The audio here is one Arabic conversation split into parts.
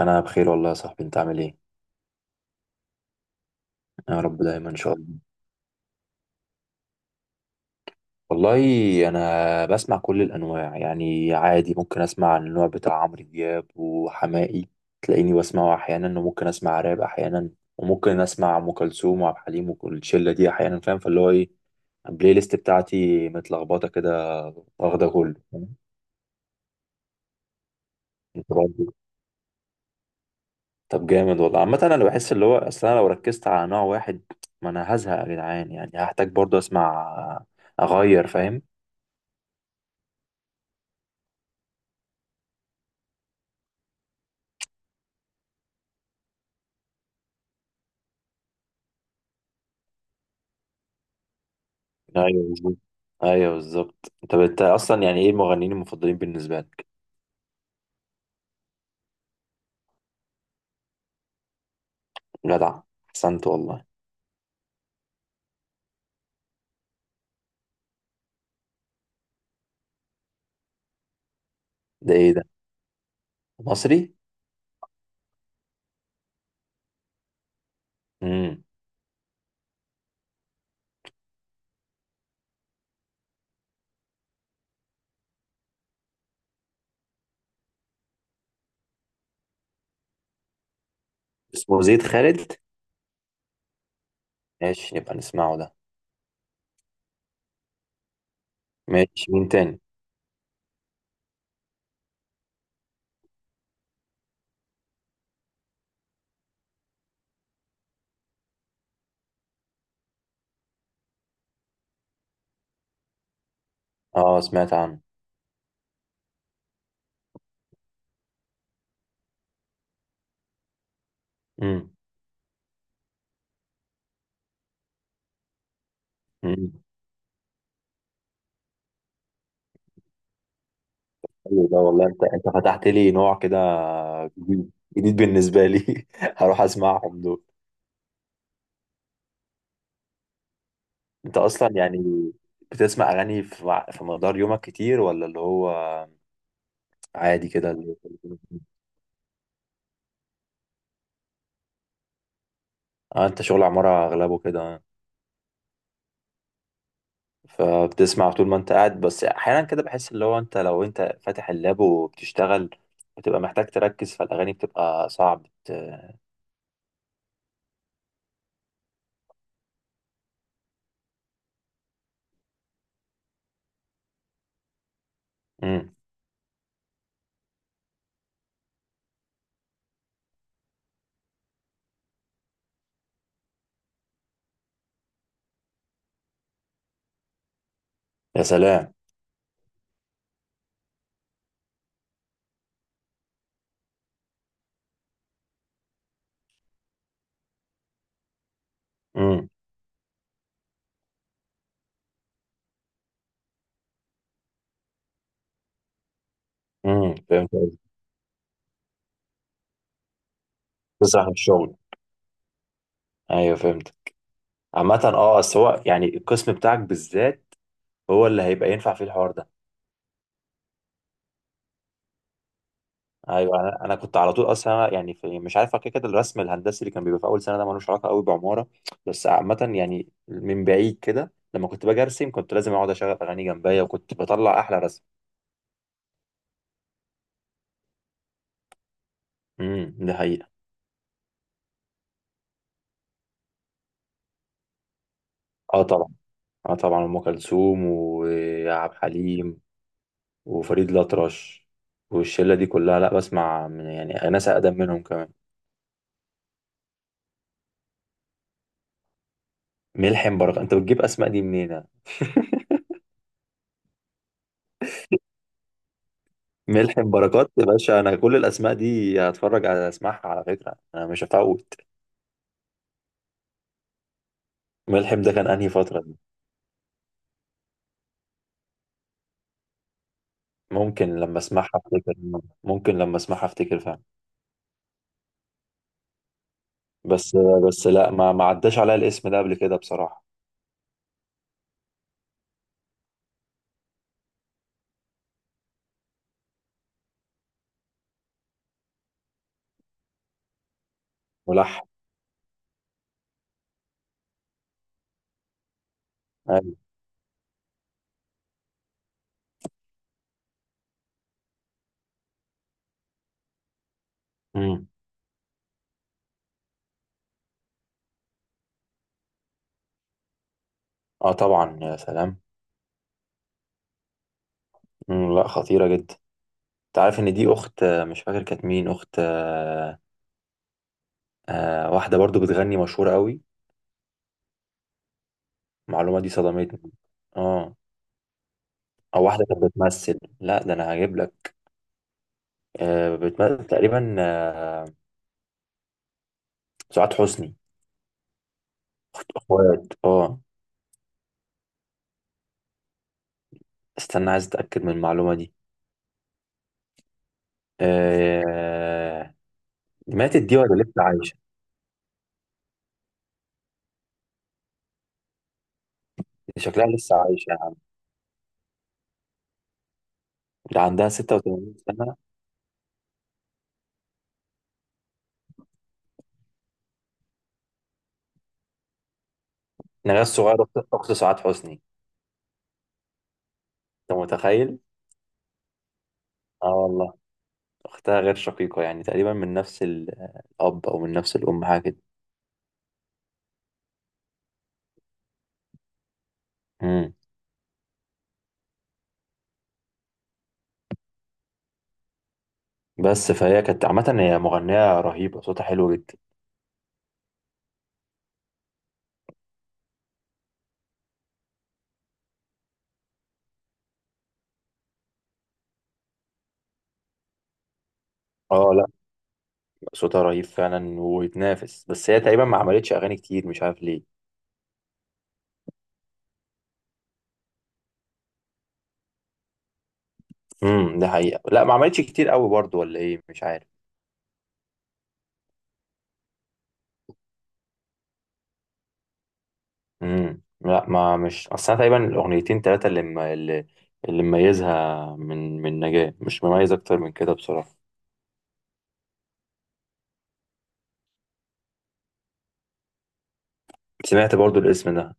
انا بخير والله يا صاحبي، انت عامل ايه؟ يا رب دايما ان شاء الله. والله انا بسمع كل الانواع يعني، عادي ممكن اسمع النوع بتاع عمرو دياب وحماقي، تلاقيني بسمعه احيانا، وممكن اسمع راب احيانا، وممكن اسمع ام كلثوم وعبد الحليم وكل الشله دي احيانا. فاهم؟ فاللي هو ايه، البلاي ليست بتاعتي متلخبطه كده، واخده كله. فاهم؟ انت برضه. طب جامد والله. عامه انا بحس اللي هو، اصل انا لو ركزت على نوع واحد، ما انا هزهق يا جدعان، يعني هحتاج برضه اسمع، اغير. فاهم؟ ايوه بالظبط. ايوه بالظبط. طب انت اصلا يعني ايه المغنيين المفضلين بالنسبه لك؟ جدع، احسنت والله. ده ايه ده؟ مصري؟ امم اسمه زيد خالد. ماشي نبقى نسمعه ده. ماشي، مين تاني؟ اه سمعت عنه. امم امم حلو ده والله. انت فتحت لي نوع كده جديد، جديد بالنسبه لي. هروح اسمعهم دول. انت اصلا يعني بتسمع اغاني في في مقدار يومك كتير، ولا اللي هو عادي كده اه؟ انت شغل عمارة اغلبه كده، فبتسمع طول ما انت قاعد، بس احيانا كده بحس اللي هو، انت لو فاتح اللاب وبتشتغل، بتبقى محتاج تركز، فالاغاني بتبقى صعب. امم يا سلام. امم فهمت قصدك. تسرح من الشغل. ايوه فهمت. عامة اه، بس هو يعني القسم بتاعك بالذات هو اللي هيبقى ينفع فيه الحوار ده. ايوه. انا كنت على طول اصلا يعني، في مش عارف، كده الرسم الهندسي اللي كان بيبقى في اول سنه ده، ملوش علاقه قوي بعماره، بس عامه يعني من بعيد كده، لما كنت باجي ارسم كنت لازم اقعد اشغل اغاني جنبيا، وكنت بطلع احلى رسم. دي حقيقة. اه طبعا. اه طبعا، ام كلثوم وعبد الحليم وفريد الأطرش والشلة دي كلها، لا بسمع من يعني ناس أقدم منهم كمان. ملحم بركات؟ أنت بتجيب أسماء دي منين؟ ملحم بركات يا باشا، أنا كل الأسماء دي هتفرج، على أسمعها على فكرة، أنا مش هفوت. ملحم ده كان أنهي فترة دي؟ ممكن لما أسمعها أفتكر. ممكن لما أسمعها أفتكر فعلا. بس، لا ما عداش عليا الاسم ده قبل كده بصراحة. ملحم. أيوة. امم اه طبعا، يا سلام. مم، لا خطيرة جدا. انت عارف ان دي اخت مش فاكر كانت مين، اخت واحدة برضو بتغني مشهورة قوي. المعلومة دي صدمتني. اه. او واحدة كانت بتمثل، لا ده انا هجيب لك. بتمثل تقريبا، سعاد حسني. اخوات، اه. استنى عايز اتأكد من المعلومة دي. آه، ماتت دي ولا لسه عايشة؟ دي شكلها لسه عايشة يا عم. ده عندها 86 سنة. نغاس صغيرة، اخت، أخت سعاد حسني. انت متخيل؟ اه والله. أختها غير شقيقة يعني تقريبا، من نفس الأب، أو من نفس الأم، حاجة كده. مم. بس فهي كانت عامة هي مغنية رهيبة، صوتها حلو جدا. اه، لا صوتها رهيب فعلا ويتنافس، بس هي تقريبا ما عملتش أغاني كتير، مش عارف ليه. ده حقيقة، لا ما عملتش كتير قوي برضو، ولا ايه؟ مش عارف. لا ما مش، أصل أنا تقريبا الأغنيتين تلاتة اللي اللي اللي مميزها، من من نجاة مش مميز أكتر من كده بصراحة. سمعت برضو الاسم ده.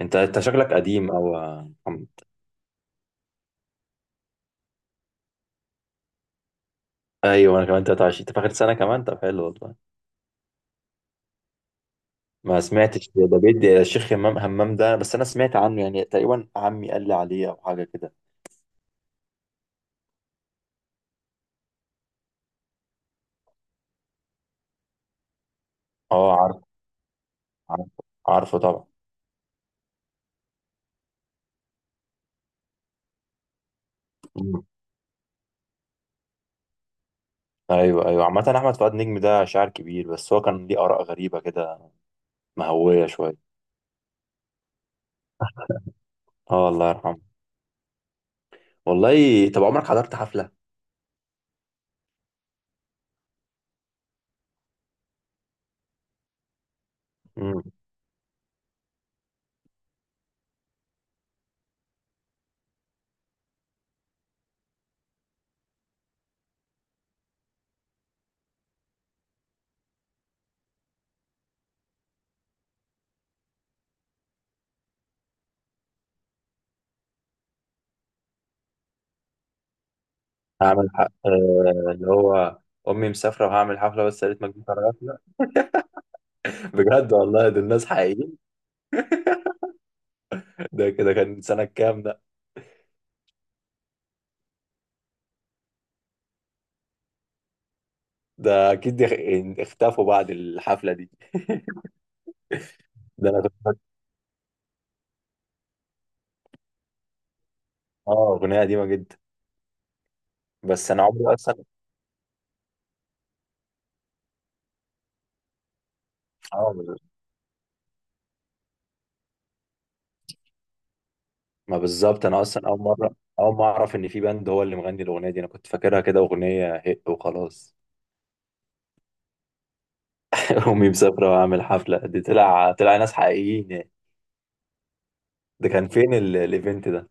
انت شكلك قديم او. ايوه انا كمان 23، انت في اخر سنه كمان، طب حلو والله. ما سمعتش ده بيدي، الشيخ همام، ده بس انا سمعت عنه يعني تقريبا، عمي قال لي عليه او حاجه كده. اه عارف، عارف، عارفه طبعا. مم. ايوه ايوه، عامه احمد فؤاد نجم ده شاعر كبير، بس هو كان ليه اراء غريبه كده، مهويه شويه. اه الله يرحمه. والله طب عمرك حضرت حفله؟ امم هعمل اللي هو امي مسافره وهعمل حفله بس يا ريت ما تجيش على حفله. بجد والله دول ناس حقيقيين. ده كده كان سنه كام ده؟ ده اكيد اختفوا بعد الحفله دي. ده انا كنت اه اغنيه قديمه جدا. بس انا عمري اصلا، اه ما بالظبط. انا اصلا اول مره، ما اعرف ان في باند هو اللي مغني الاغنيه دي، انا كنت فاكرها كده اغنيه هق وخلاص. امي مسافره واعمل حفله دي، طلع طلع ناس حقيقيين يعني. ده كان فين الايفنت ده؟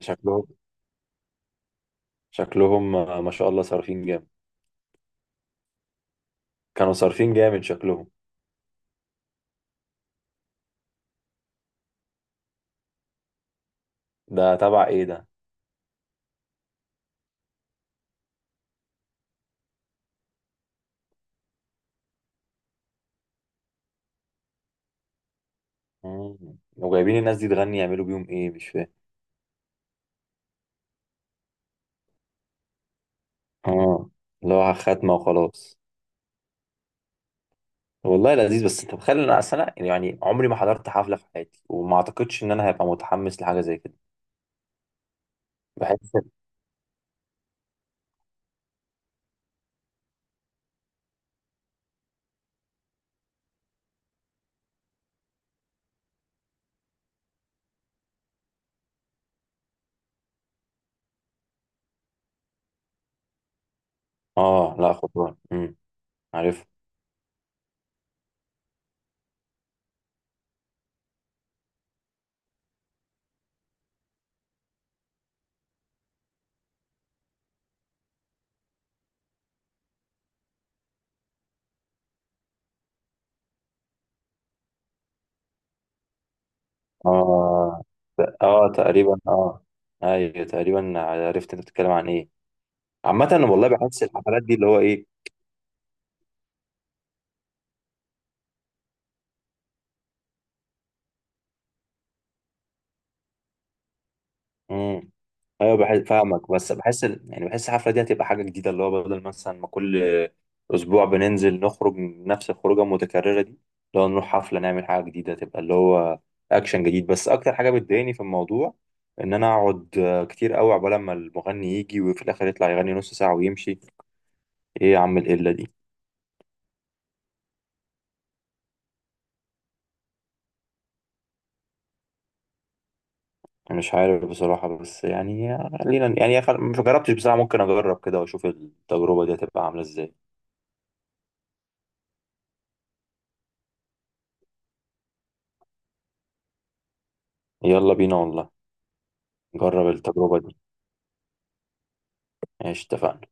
شكلهم شكلهم ما شاء الله صارفين جامد. كانوا صارفين جامد شكلهم. ده تبع ايه ده؟ مم. وجايبين الناس دي تغني، يعملوا بيهم ايه؟ مش فاهم. اه، اللي هو خاتمه وخلاص. والله لذيذ، بس انت متخيل ان انا، اصل انا يعني عمري ما حضرت حفله في حياتي، وما اعتقدش ان انا هبقى متحمس لحاجه زي كده. بحس. اه، لا خطوه، عارف. اه، اه تقريبا، اه ايوه تقريبا عرفت انت بتتكلم عن ايه. عامه انا والله بحس الحفلات دي اللي هو ايه. مم. ايوه بحس فاهمك، بس بحس يعني بحس الحفله دي هتبقى حاجه جديده، اللي هو بدل مثلا ما كل اسبوع بننزل نخرج من نفس الخروجه المتكرره دي، لو نروح حفله نعمل حاجه جديده، تبقى اللي هو اكشن جديد. بس اكتر حاجه بتضايقني في الموضوع ان انا اقعد كتير قوي عقبال ما المغني يجي، وفي الاخر يطلع يغني نص ساعه ويمشي. ايه يا عم القله دي؟ أنا مش عارف بصراحه، بس يعني خلينا يعني، مش جربتش بصراحه، ممكن اجرب كده واشوف التجربه دي هتبقى عامله ازاي. يلا بينا والله. نجرب التجربه دي. ماشي، اتفقنا.